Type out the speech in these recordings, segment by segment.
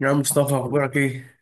يا عم مصطفى اخبارك ايه؟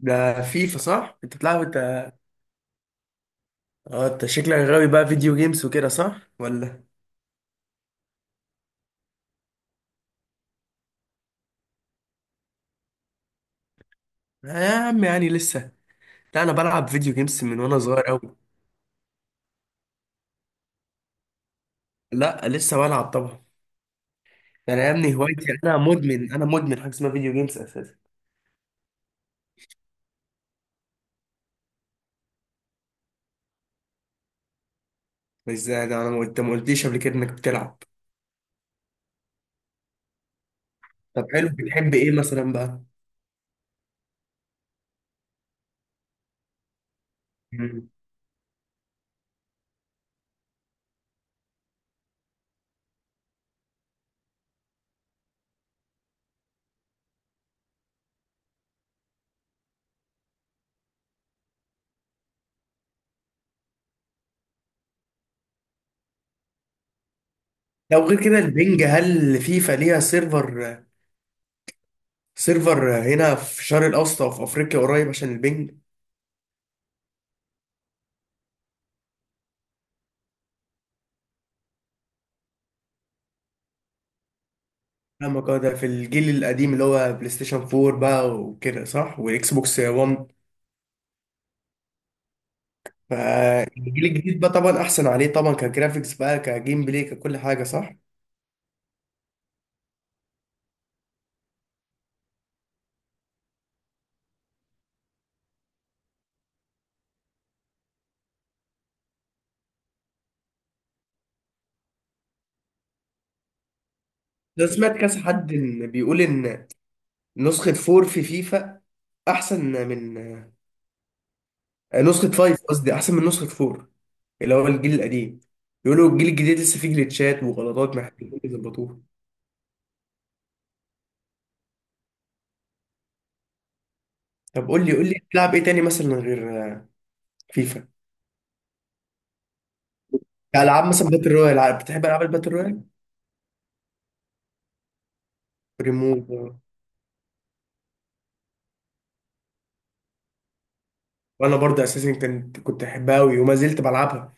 ده فيفا صح انت بتلعب انت؟ اه انت شكلك غاوي بقى فيديو جيمز وكده صح ولا؟ آه يا عم يعني لسه. لا انا بلعب فيديو جيمز من وانا صغير قوي. لا لسه بلعب طبعا. ده انا يا ابني هوايتي، انا مدمن حاجه اسمها فيديو جيمز اساسا. مش زي ده، انا ما قلتليش قبل كده انك بتلعب؟ طب حلو، بتحب ايه مثلا بقى؟ مم. لو غير كده البنج، هل فيفا ليها سيرفر؟ سيرفر هنا في الشرق الاوسط او في افريقيا قريب عشان البنج. فاهمك، اه ده في الجيل القديم اللي هو بلاي ستيشن 4 بقى وكده صح، واكس بوكس 1. فالجيل الجديد بقى طبعا احسن عليه طبعا، كجرافيكس بقى، كجيم بلاي، ككل حاجه صح. لو سمعت كذا حد إن بيقول ان نسخه 4 في فيفا احسن من نسخه 5، قصدي احسن من نسخه 4، اللي هو الجيل القديم. بيقولوا الجيل الجديد لسه فيه جليتشات وغلطات محتاجين يظبطوها. طب قول لي قول لي بتلعب ايه تاني مثلا غير فيفا؟ العاب مثلا باتل رويال، بتحب العاب الباتل رويال؟ ريمو. وانا برضه اساسا كنت احبها قوي وما زلت بلعبها.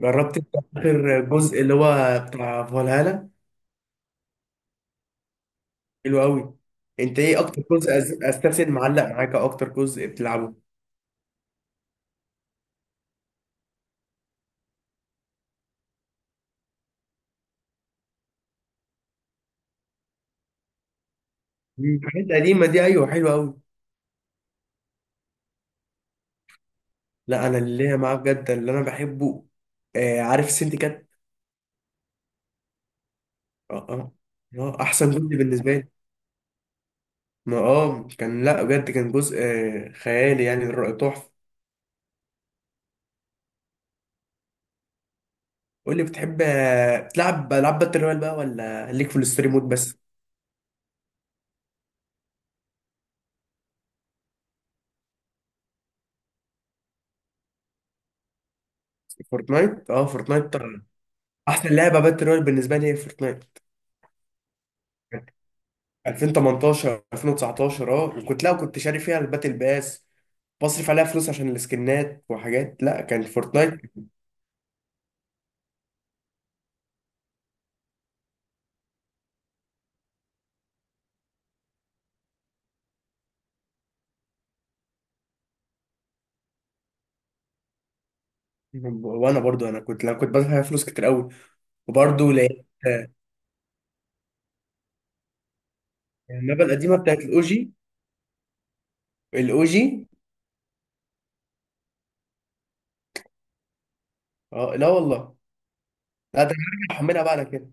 جربت أنت اخر جزء اللي هو بتاع فالهالا؟ حلو قوي. انت ايه اكتر جزء استرسل معلق معاك، أو اكتر جزء بتلعبه؟ مم، الحاجات القديمه دي، ايوه حلوه قوي. لا انا اللي هي معاه بجد اللي انا بحبه، آه عارف سنتي كات؟ اه اه. احسن جزء بالنسبه لي. ما اه كان، لا بجد كان جزء خيالي يعني تحفه. قول لي بتحب تلعب العاب باتل رويال بقى ولا ليك في الستوري مود بس؟ فورتنايت اه فورتنايت طبعا. احسن لعبه باتل رويال بالنسبه لي هي فورتنايت 2018 2019، اه وكنت، لا كنت شاري فيها الباتل باس بصرف عليها فلوس عشان السكنات وحاجات، لا كان فورتنايت وانا برضو انا كنت، لا كنت بدفع فيها فلوس كتير قوي. وبرضو لقيت المابا القديمه بتاعت الاوجي. الاوجي. اه لا والله. لا ده انا هرجع احملها بعد كده.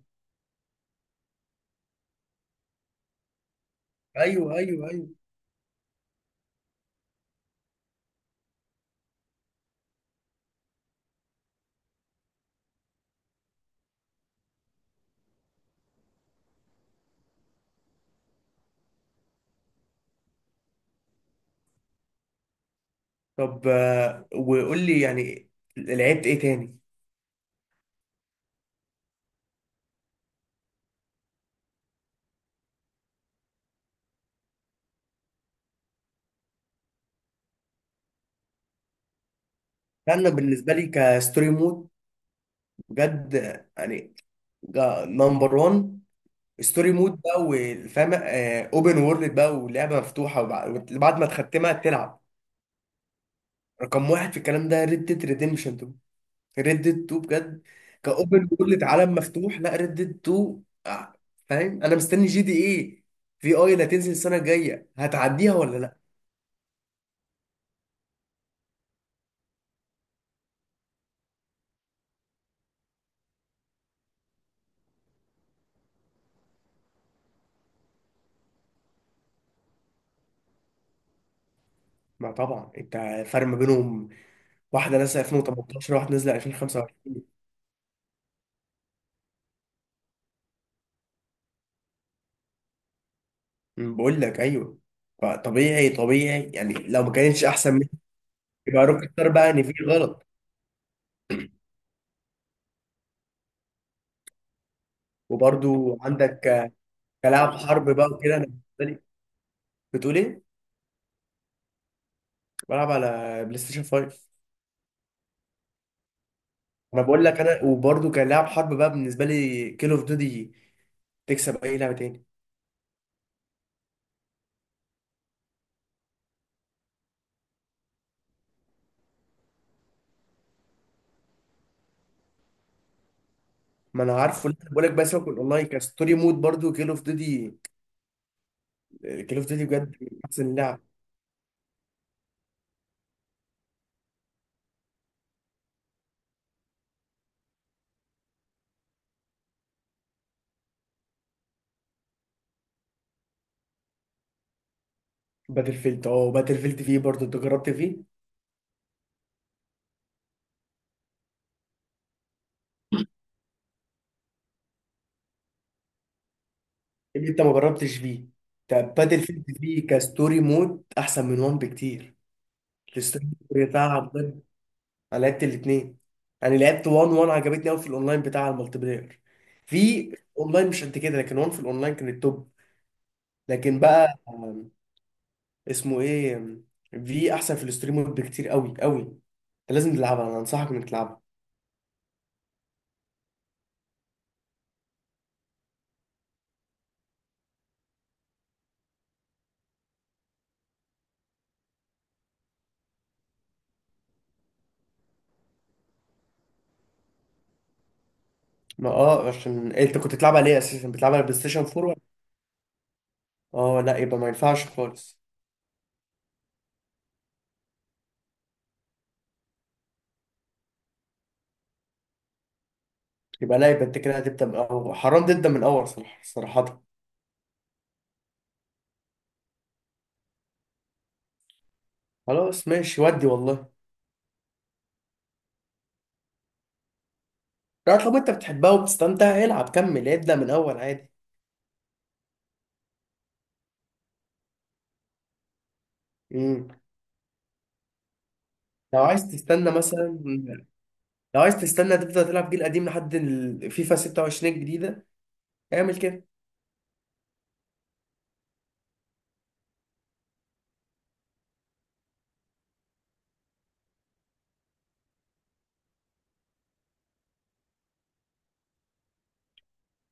ايوه ايوه ايوه. طب وقول لي يعني لعبت ايه تاني؟ انا بالنسبه لي كستوري مود بجد، يعني نمبر 1. ستوري مود بقى والفاهم، اوبن وورلد بقى ولعبه مفتوحه، وبعد ما تختمها تلعب. رقم واحد في الكلام ده ريد ديد ريديمشن 2، ريد ديد 2 بجد. كاوبن وورلد عالم مفتوح، لا ريد ديد 2 فاهم؟ انا مستني جي دي ايه، في اي اللي هتنزل السنه الجايه، هتعديها ولا لا؟ ما طبعا انت الفرق ما بينهم، واحده نازله 2018 واحده نازله 2025. بقول لك ايوه. فطبيعي طبيعي يعني لو ما كانتش احسن يبقى روك ستار بقى ان في غلط. وبرضو عندك كلاعب حرب بقى وكده، انا بالنسبه لي. بتقول ايه؟ بلعب على بلاي ستيشن 5. انا بقول لك انا، وبرضو كلاعب حرب بقى بالنسبه لي كيل اوف ديوتي تكسب اي لعبه تاني. ما انا عارفه، لسه بقول لك، بس سيبك من الاونلاين، كستوري مود برضو كيل اوف ديوتي. كيل اوف ديوتي بجد من احسن لعب. باتل فيلد، اه باتل فيلد فيه برضو انت، جربت فيه؟ إيه اللي انت ما جربتش فيه؟ طب باتل فيلد فيه كستوري مود احسن من وان بكتير، الستوري مود بتاعها بجد. انا لعبت الاثنين، انا لعبت 1، 1 عجبتني قوي في الاونلاين بتاع المالتي بلاير، في اونلاين مش قد كده، لكن 1 في الاونلاين كان التوب. لكن بقى اسمه ايه؟ في احسن، في الستريم مود بكتير قوي قوي، انت لازم تلعبها، انا انصحك انك تلعبها. ما اه عشان إيه، انت كنت بتلعبها ليه اساسا؟ بتلعبها على بلاي ستيشن 4 ولا؟ اه لا يبقى ما ينفعش خالص. يبقى لا يبقى انت كده هتبدا من اول، حرام تبدا من اول صراحه صراحه. خلاص ماشي، ودي والله. لا طب انت بتحبها وبتستمتع، العب كمل، ابدا من اول عادي. امم. لو عايز تستنى مثلا، لو عايز تستنى تفضل تلعب جيل قديم لحد الفيفا 26 الجديدة، اعمل كده.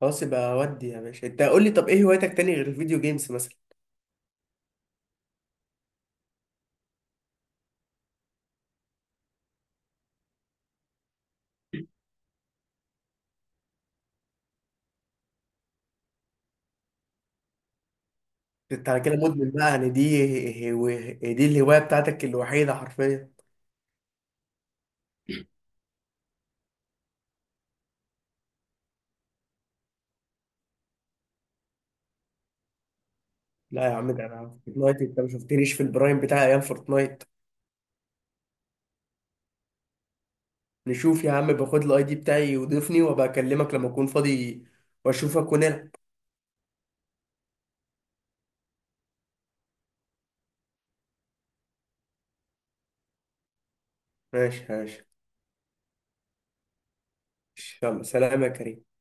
خلاص يبقى، ودي يا باشا، انت قول لي طب ايه هوايتك تاني غير الفيديو جيمز مثلا؟ انت على كده مدمن بقى يعني، دي الهواية بتاعتك الوحيدة حرفيا. لا يا عم، ده انا فورتنايت، انت ما شفتنيش في البرايم بتاع ايام فورتنايت. نشوف يا عم، باخد الاي دي بتاعي وضيفني وابقى اكلمك لما اكون فاضي واشوفك ونلعب. ماشي ماشي. يلا سلام يا كريم.